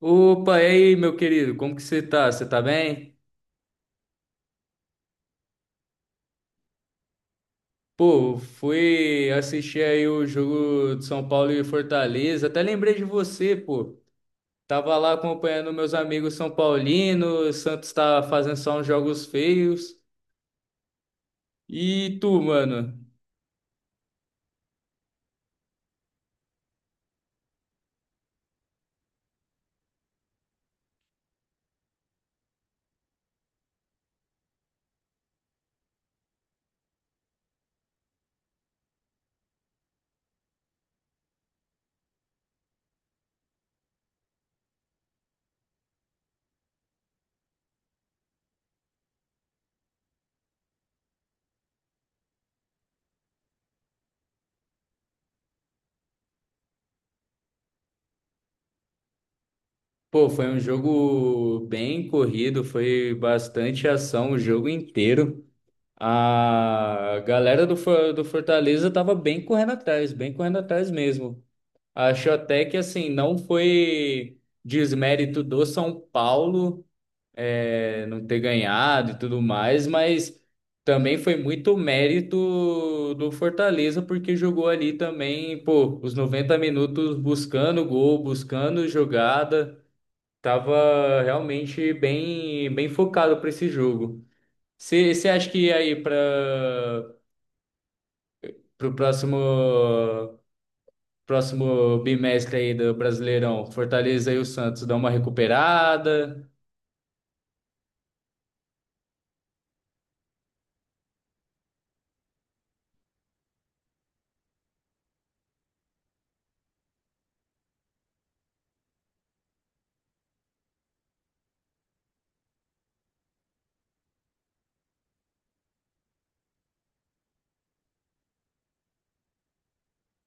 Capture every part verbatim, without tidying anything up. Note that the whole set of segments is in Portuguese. Opa, e aí, meu querido, como que você tá? Você tá bem? Pô, fui assistir aí o jogo de São Paulo e Fortaleza, até lembrei de você, pô. Tava lá acompanhando meus amigos são paulinos, Santos tá fazendo só uns jogos feios. E tu, mano? Pô, foi um jogo bem corrido, foi bastante ação o jogo inteiro. A galera do, For- do Fortaleza tava bem correndo atrás, bem correndo atrás mesmo. Acho até que assim, não foi desmérito do São Paulo, é, não ter ganhado e tudo mais, mas também foi muito mérito do Fortaleza, porque jogou ali também, pô, os noventa minutos buscando gol, buscando jogada. Tava realmente bem, bem focado para esse jogo. Você acha que aí para o próximo próximo bimestre aí do Brasileirão, Fortaleza e o Santos dá uma recuperada?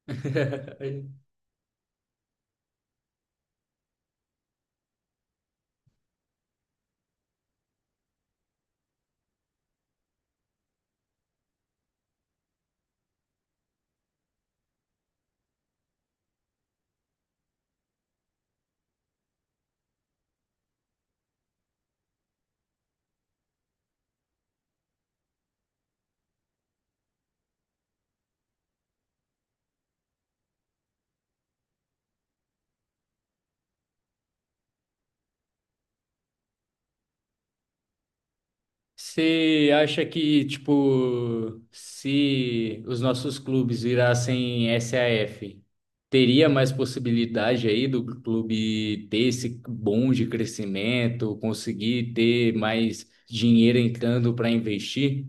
Você acha que, tipo, se os nossos clubes virassem S A F teria mais possibilidade aí do clube ter esse bom de crescimento, conseguir ter mais dinheiro entrando para investir?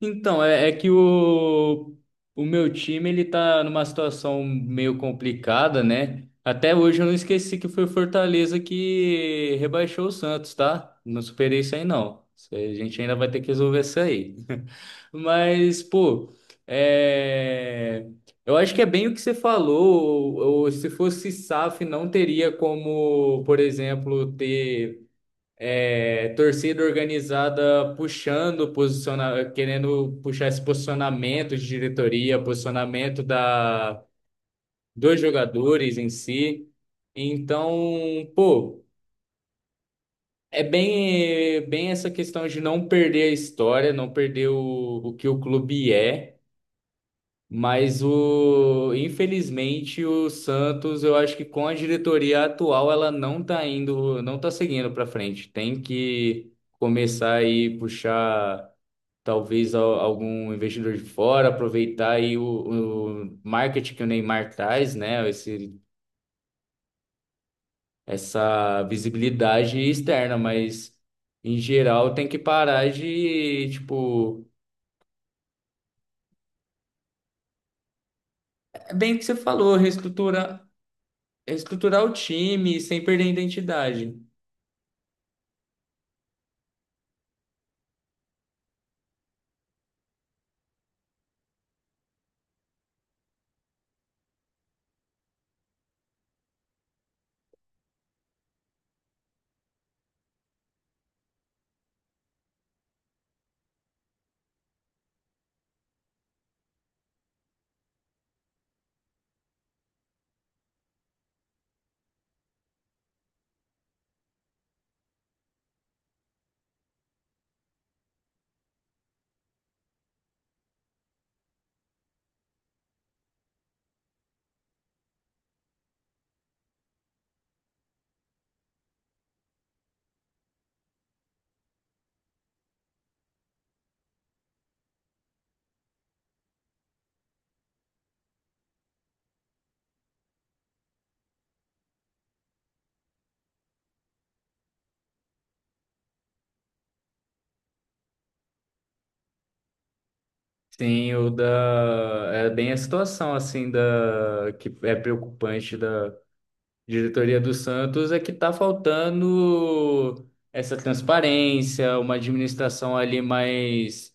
Então, é, é que o, o meu time, ele tá numa situação meio complicada, né? Até hoje eu não esqueci que foi o Fortaleza que rebaixou o Santos, tá? Não superei isso aí, não. Isso aí a gente ainda vai ter que resolver. Isso aí. Mas, pô, é, eu acho que é bem o que você falou. Ou, ou se fosse SAF, não teria como, por exemplo, ter, é, torcida organizada puxando, posiciona, querendo puxar esse posicionamento de diretoria, posicionamento da, dos jogadores em si. Então, pô, é bem, bem essa questão de não perder a história, não perder o, o que o clube é. Mas o, infelizmente, o Santos, eu acho que com a diretoria atual, ela não tá indo, não tá seguindo para frente. Tem que começar aí puxar talvez al- algum investidor de fora, aproveitar aí o, o marketing que o Neymar traz, né? Esse, essa visibilidade externa, mas em geral tem que parar de, tipo, é bem o que você falou, reestruturar, reestruturar o time sem perder a identidade. Sim, o da. É bem a situação, assim, da. Que é preocupante da diretoria do Santos, é que tá faltando essa transparência, uma administração ali mais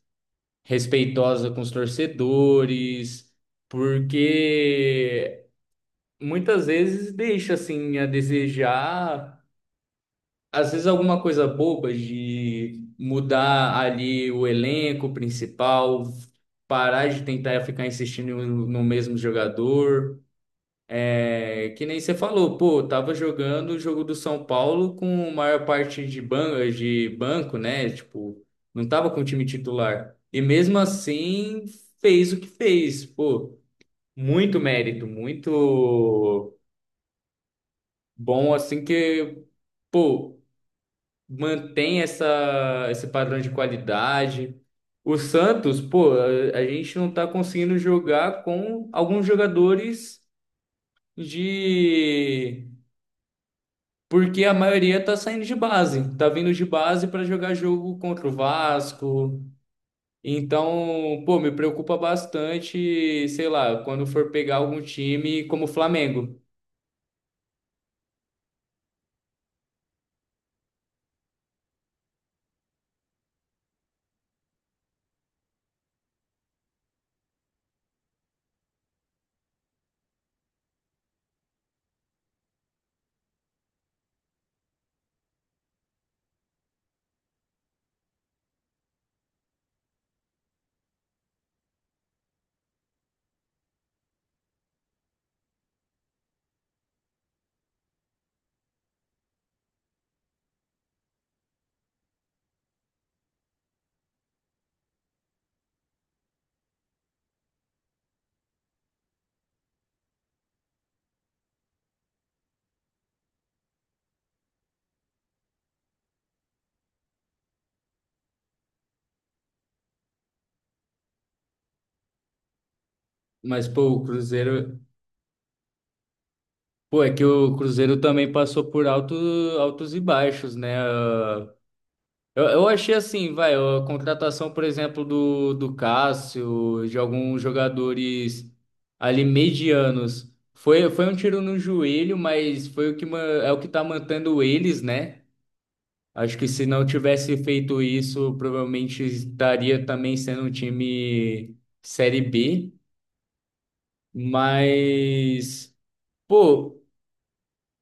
respeitosa com os torcedores, porque muitas vezes deixa, assim, a desejar. Às vezes alguma coisa boba de mudar ali o elenco principal, parar de tentar ficar insistindo no no mesmo jogador. É, que nem você falou, pô, tava jogando o jogo do São Paulo com a maior parte de, ban de banco, né? Tipo, não tava com o time titular. E mesmo assim fez o que fez, pô. Muito mérito, muito bom assim que, pô, mantém essa, esse padrão de qualidade. O Santos, pô, a, a gente não tá conseguindo jogar com alguns jogadores de. Porque a maioria tá saindo de base, tá vindo de base para jogar jogo contra o Vasco. Então, pô, me preocupa bastante, sei lá, quando for pegar algum time como o Flamengo. Mas, pô, o Cruzeiro. Pô, é que o Cruzeiro também passou por alto, altos e baixos, né? Eu, eu achei assim, vai, a contratação, por exemplo, do, do Cássio, de alguns jogadores ali medianos, foi, foi um tiro no joelho, mas foi o que ma- é o que tá mantendo eles, né? Acho que se não tivesse feito isso, provavelmente estaria também sendo um time Série B, mas, pô,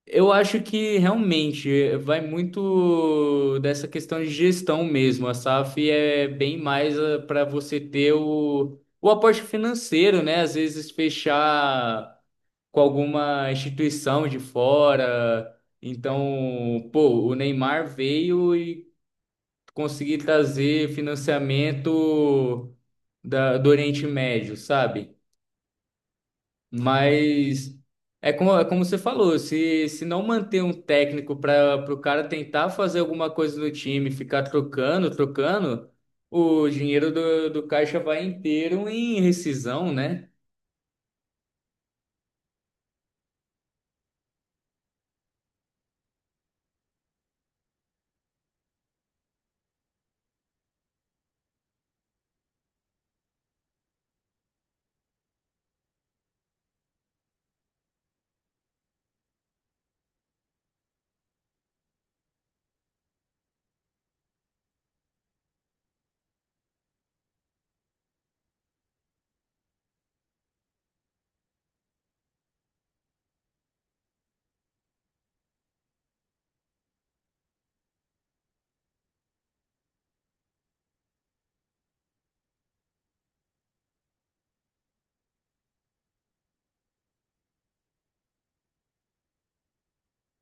eu acho que realmente vai muito dessa questão de gestão mesmo. A SAF é bem mais para você ter o, o aporte financeiro, né? Às vezes fechar com alguma instituição de fora. Então, pô, o Neymar veio e conseguiu trazer financiamento da, do Oriente Médio, sabe? Mas é como, é como você falou, se, se não manter um técnico para o cara tentar fazer alguma coisa no time, ficar trocando, trocando, o dinheiro do, do caixa vai inteiro em rescisão, né?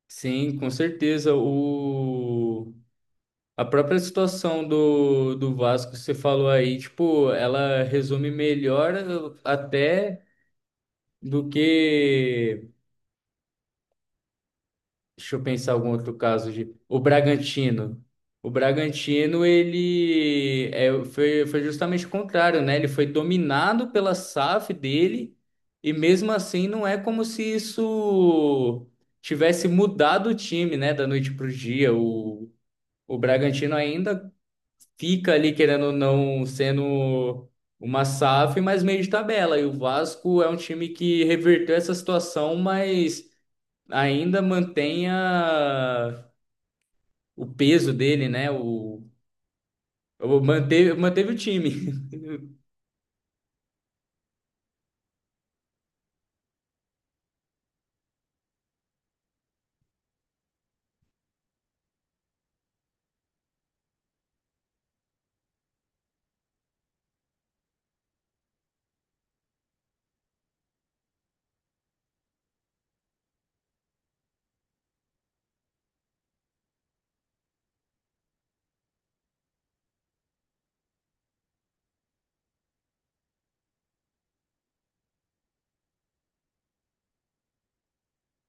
Sim, com certeza. O, a própria situação do, do Vasco, que você falou aí, tipo, ela resume melhor até do que. Deixa eu pensar algum outro caso de o Bragantino. O Bragantino, ele é, foi, foi justamente o contrário, né? Ele foi dominado pela SAF dele, e mesmo assim não é como se isso tivesse mudado o time, né? Da noite para o dia. O, o Bragantino ainda fica ali, querendo ou não, sendo uma SAF, mas meio de tabela. E o Vasco é um time que reverteu essa situação, mas ainda mantenha o peso dele, né? O, o- manteve, manteve o time.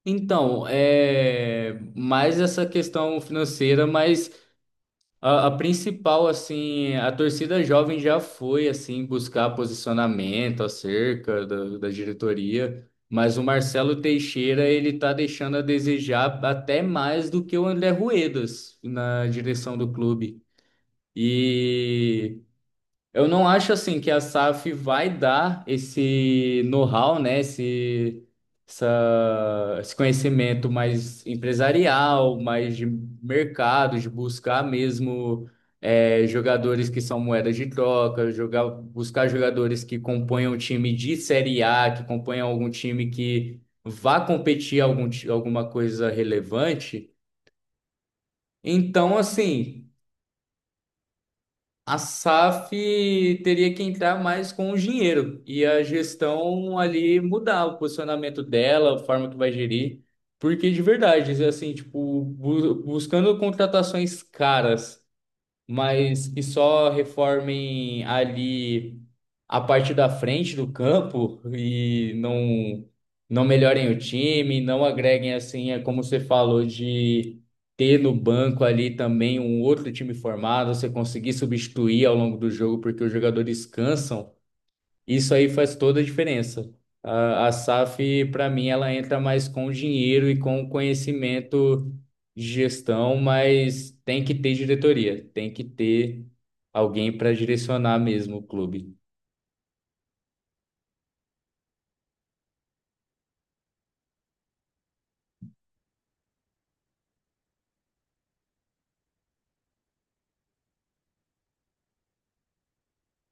Então, é mais essa questão financeira, mas a, a principal, assim, a torcida jovem já foi, assim, buscar posicionamento acerca da, da diretoria, mas o Marcelo Teixeira, ele tá deixando a desejar até mais do que o André Ruedas na direção do clube. E eu não acho assim que a SAF vai dar esse know-how, né? Esse, essa- esse conhecimento mais empresarial, mais de mercado, de buscar mesmo, é, jogadores que são moedas de troca, jogar, buscar jogadores que componham um time de Série A, que componham algum time que vá competir algum, ti- alguma coisa relevante. Então, assim, a SAF teria que entrar mais com o dinheiro e a gestão ali mudar o posicionamento dela, a forma que vai gerir, porque de verdade, assim, tipo, bu- buscando contratações caras mas que só reformem ali a parte da frente do campo e não não melhorem o time, não agreguem assim, é como você falou de ter no banco ali também um outro time formado, você conseguir substituir ao longo do jogo porque os jogadores cansam. Isso aí faz toda a diferença. A, a SAF, para mim, ela entra mais com o dinheiro e com o conhecimento de gestão, mas tem que ter diretoria, tem que ter alguém para direcionar mesmo o clube.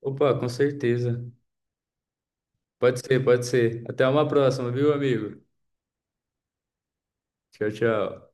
Opa, com certeza. Pode ser, pode ser. Até uma próxima, viu, amigo? Tchau, tchau.